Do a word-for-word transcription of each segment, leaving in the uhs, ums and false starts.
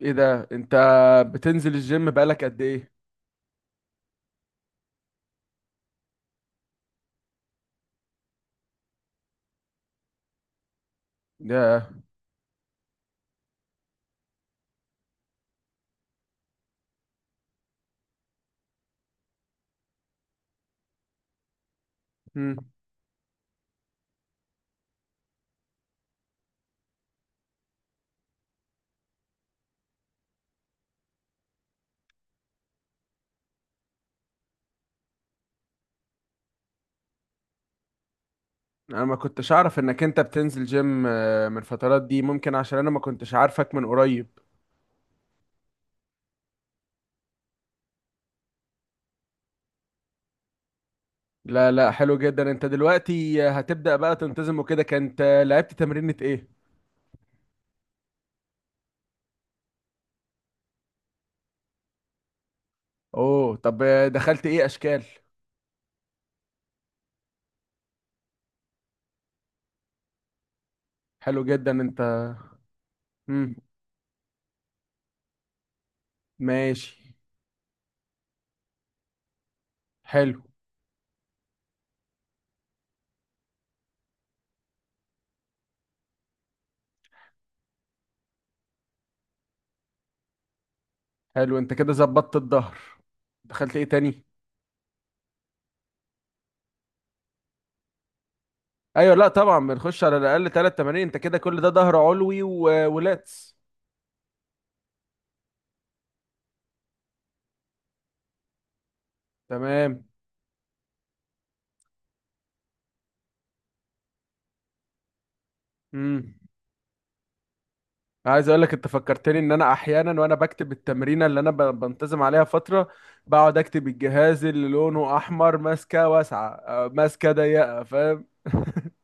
ايه ده؟ انت بتنزل الجيم بقالك قد ايه؟ ده. مم. انا ما كنتش اعرف انك انت بتنزل جيم آه، من الفترات دي، ممكن عشان انا ما كنتش عارفك من قريب. لا، لا، حلو جدا. انت دلوقتي آه، هتبدأ بقى تنتظم وكده. كانت آه، لعبت تمرينة ايه؟ اوه، طب آه، دخلت ايه اشكال؟ حلو جدا انت. مم. ماشي. حلو. حلو، انت كده ظبطت الظهر. دخلت ايه تاني؟ ايوه، لا، طبعا بنخش على الاقل ثلاث تمارين. انت كده كل ده ظهر علوي و... ولاتس. تمام. امم. عايز اقول لك، انت فكرتني ان انا احيانا وانا بكتب التمرينه اللي انا ب- بنتظم عليها فتره، بقعد اكتب الجهاز اللي لونه احمر، ماسكه واسعه، آه، ماسكه ضيقه، فاهم؟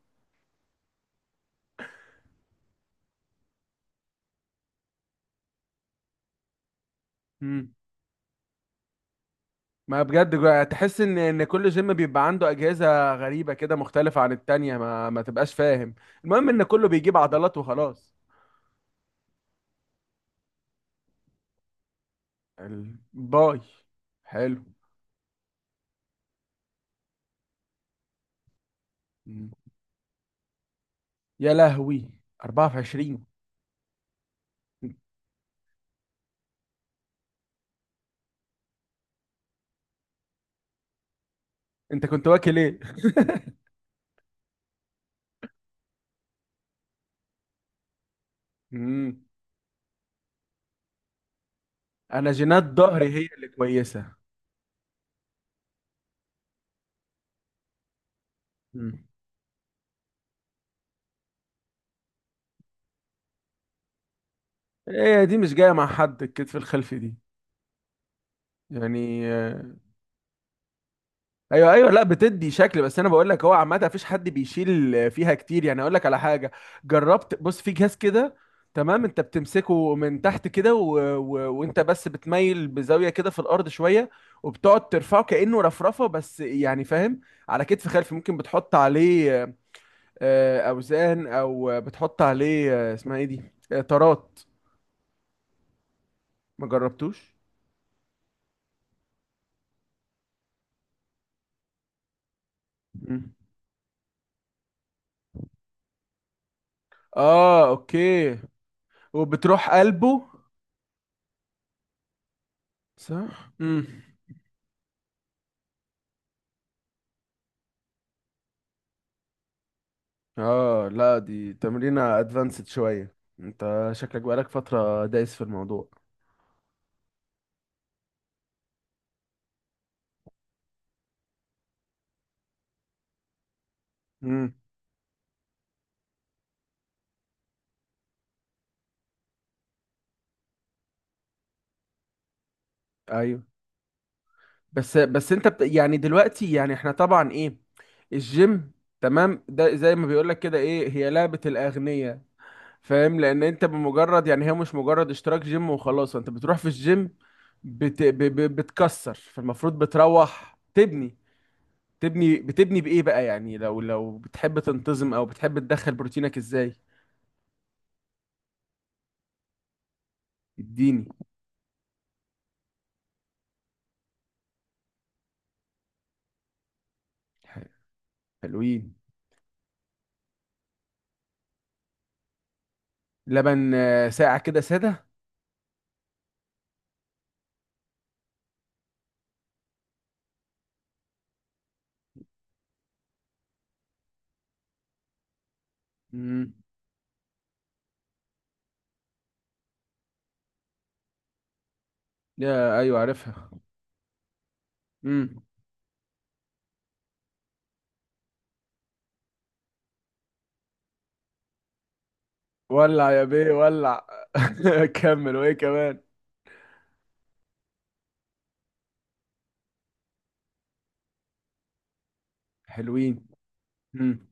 امم. ما بجد، جوا- تحس ان ان كل جيم بيبقى عنده اجهزه غريبه كده مختلفه عن التانية، ما ما تبقاش فاهم. المهم ان كله بيجيب عضلات وخلاص. الباي. حلو. مم. يا لهوي. اربعة وعشرين. انت كنت واكل ايه؟ امم. انا جينات ظهري هي اللي كويسه. مم. هي دي مش جايه مع حد، الكتف الخلفي دي. يعني آه، ايوه، ايوه، لا، بتدي شكل، بس انا بقول لك، هو عامه مفيش حد بيشيل فيها كتير. يعني اقول لك على حاجه، جربت، بص في جهاز كده، تمام. انت بتمسكه من تحت كده، و... و... وانت بس بتميل بزاويه كده في الارض شويه، وبتقعد ترفعه كانه رفرفه بس، يعني فاهم؟ على كتف خلفي، ممكن بتحط عليه آه، آه، اوزان، او بتحط عليه آه، اسمها ايه دي، آه، طارات. ما جربتوش. مم. اه، اوكي. وبتروح قلبه. صح. امم. اه، لا، دي تمرينة ادفانسد شوية. انت شكلك بقالك فترة دايس في الموضوع. امم. ايوه، بس بس انت بت... يعني دلوقتي، يعني احنا طبعا ايه الجيم، تمام، ده زي ما بيقولك كده، ايه هي لعبة الاغنياء. فاهم؟ لان انت بمجرد، يعني هي مش مجرد اشتراك جيم وخلاص، انت بتروح في الجيم بت... ب... ب... بتكسر، فالمفروض بتروح تبني. تبني بتبني بايه بقى؟ يعني لو لو بتحب تنتظم، او بتحب تدخل بروتينك ازاي. اديني. حلوين. لبن آه، ساقع كده ساده. امم. يا ايوه، عارفها. امم. ولع يا بيه، ولع. كمل، وايه كمان؟ حلوين. امم.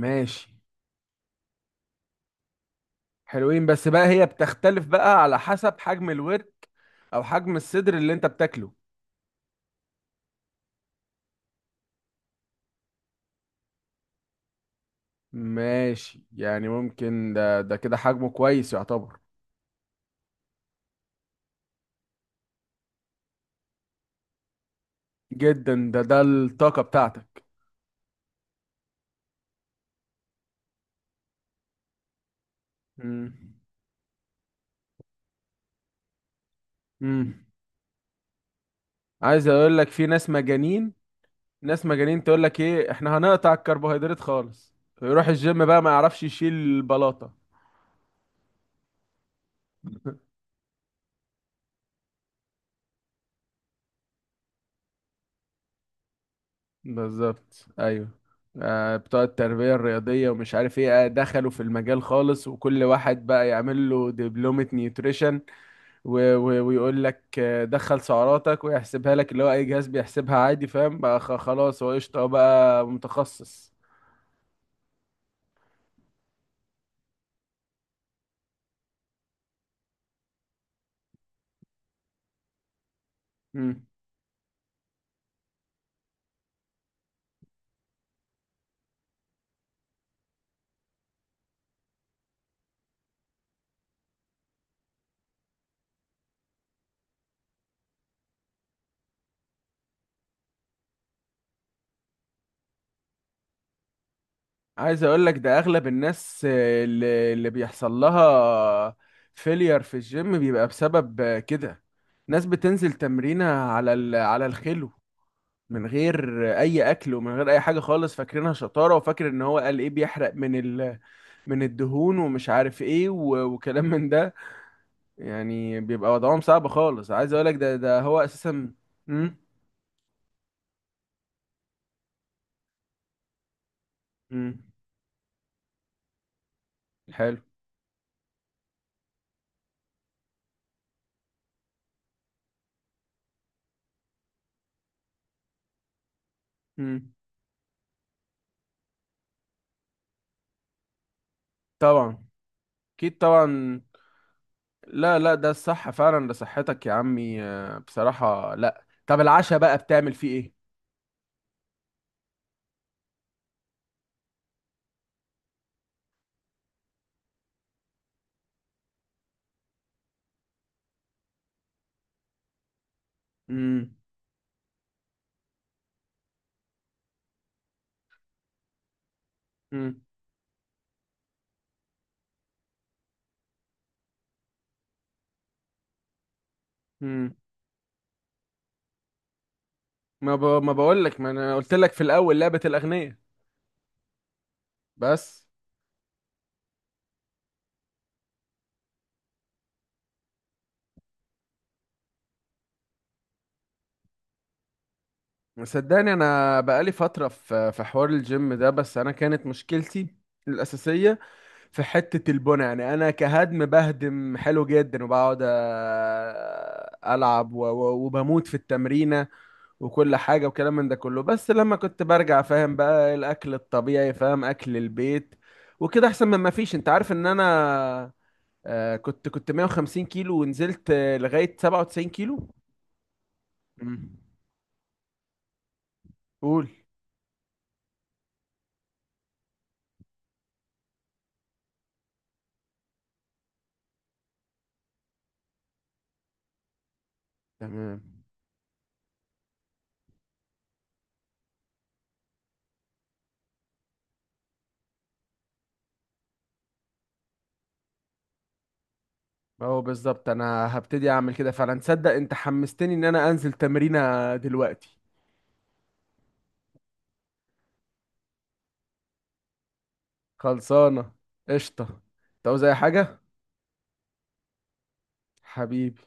ماشي. حلوين، بس بقى هي بتختلف بقى على حسب حجم الورك او حجم الصدر اللي انت بتاكله. ماشي، يعني ممكن ده ده كده حجمه كويس يعتبر. جدا. ده ده الطاقة بتاعتك. امم. امم. عايز اقول لك، في ناس مجانين. ناس مجانين تقول لك ايه، احنا هنقطع الكربوهيدرات خالص، يروح الجيم بقى ما يعرفش يشيل البلاطة. بالظبط، ايوه. آه، بتوع التربية الرياضية ومش عارف ايه، آه، دخلوا في المجال خالص، وكل واحد بقى يعمل له دبلومة نيوتريشن، و و ويقول لك آه، دخل سعراتك ويحسبها لك، اللي هو اي جهاز بيحسبها عادي، فاهم؟ بقى خ- خلاص، هو قشطة، هو بقى متخصص. عايز اقول لك، ده اغلب الناس آه، اللي اللي بيحصل لها فيلير في الجيم بيبقى بسبب آه، كده. ناس بتنزل تمرينها على ال- على الخلو، من غير آه، اي اكل، ومن غير اي حاجه خالص، فاكرينها شطاره، وفاكر ان هو قال ايه بيحرق من ال من الدهون ومش عارف ايه، و- وكلام من ده. يعني بيبقى وضعهم صعب خالص. عايز اقول لك ده، ده هو اساسا. امم. امم. حلو. امم. طبعا. اكيد، طبعا. لا، لا، ده الصح فعلا، ده صحتك يا عمي آه، بصراحة. لا، طب العشاء بقى بتعمل فيه ايه؟ امم. امم. امم. ما ب... ما بقول لك، ما انا قلت لك في الاول لعبة الاغنياء. بس. صدقني انا بقالي فترة في في حوار الجيم ده، بس انا كانت مشكلتي الأساسية في حتة البنى. يعني أنا كهدم بهدم حلو جدا، وبقعد أ- ألعب و- و- وبموت في التمرينة وكل حاجة وكلام من ده كله. بس لما كنت برجع فاهم بقى، الأكل الطبيعي، فاهم؟ أكل البيت وكده أحسن من ما فيش. أنت عارف إن أنا آه، كنت كنت مئة وخمسين كيلو ونزلت آه، لغاية سبع وتسعين كيلو. مم. قول. تمام، اهو بالظبط، انا هبتدي اعمل كده فعلا. تصدق انت حمستني ان انا انزل تمرينة دلوقتي. خلصانة. قشطة، انت عاوز اي حاجة؟ حبيبي.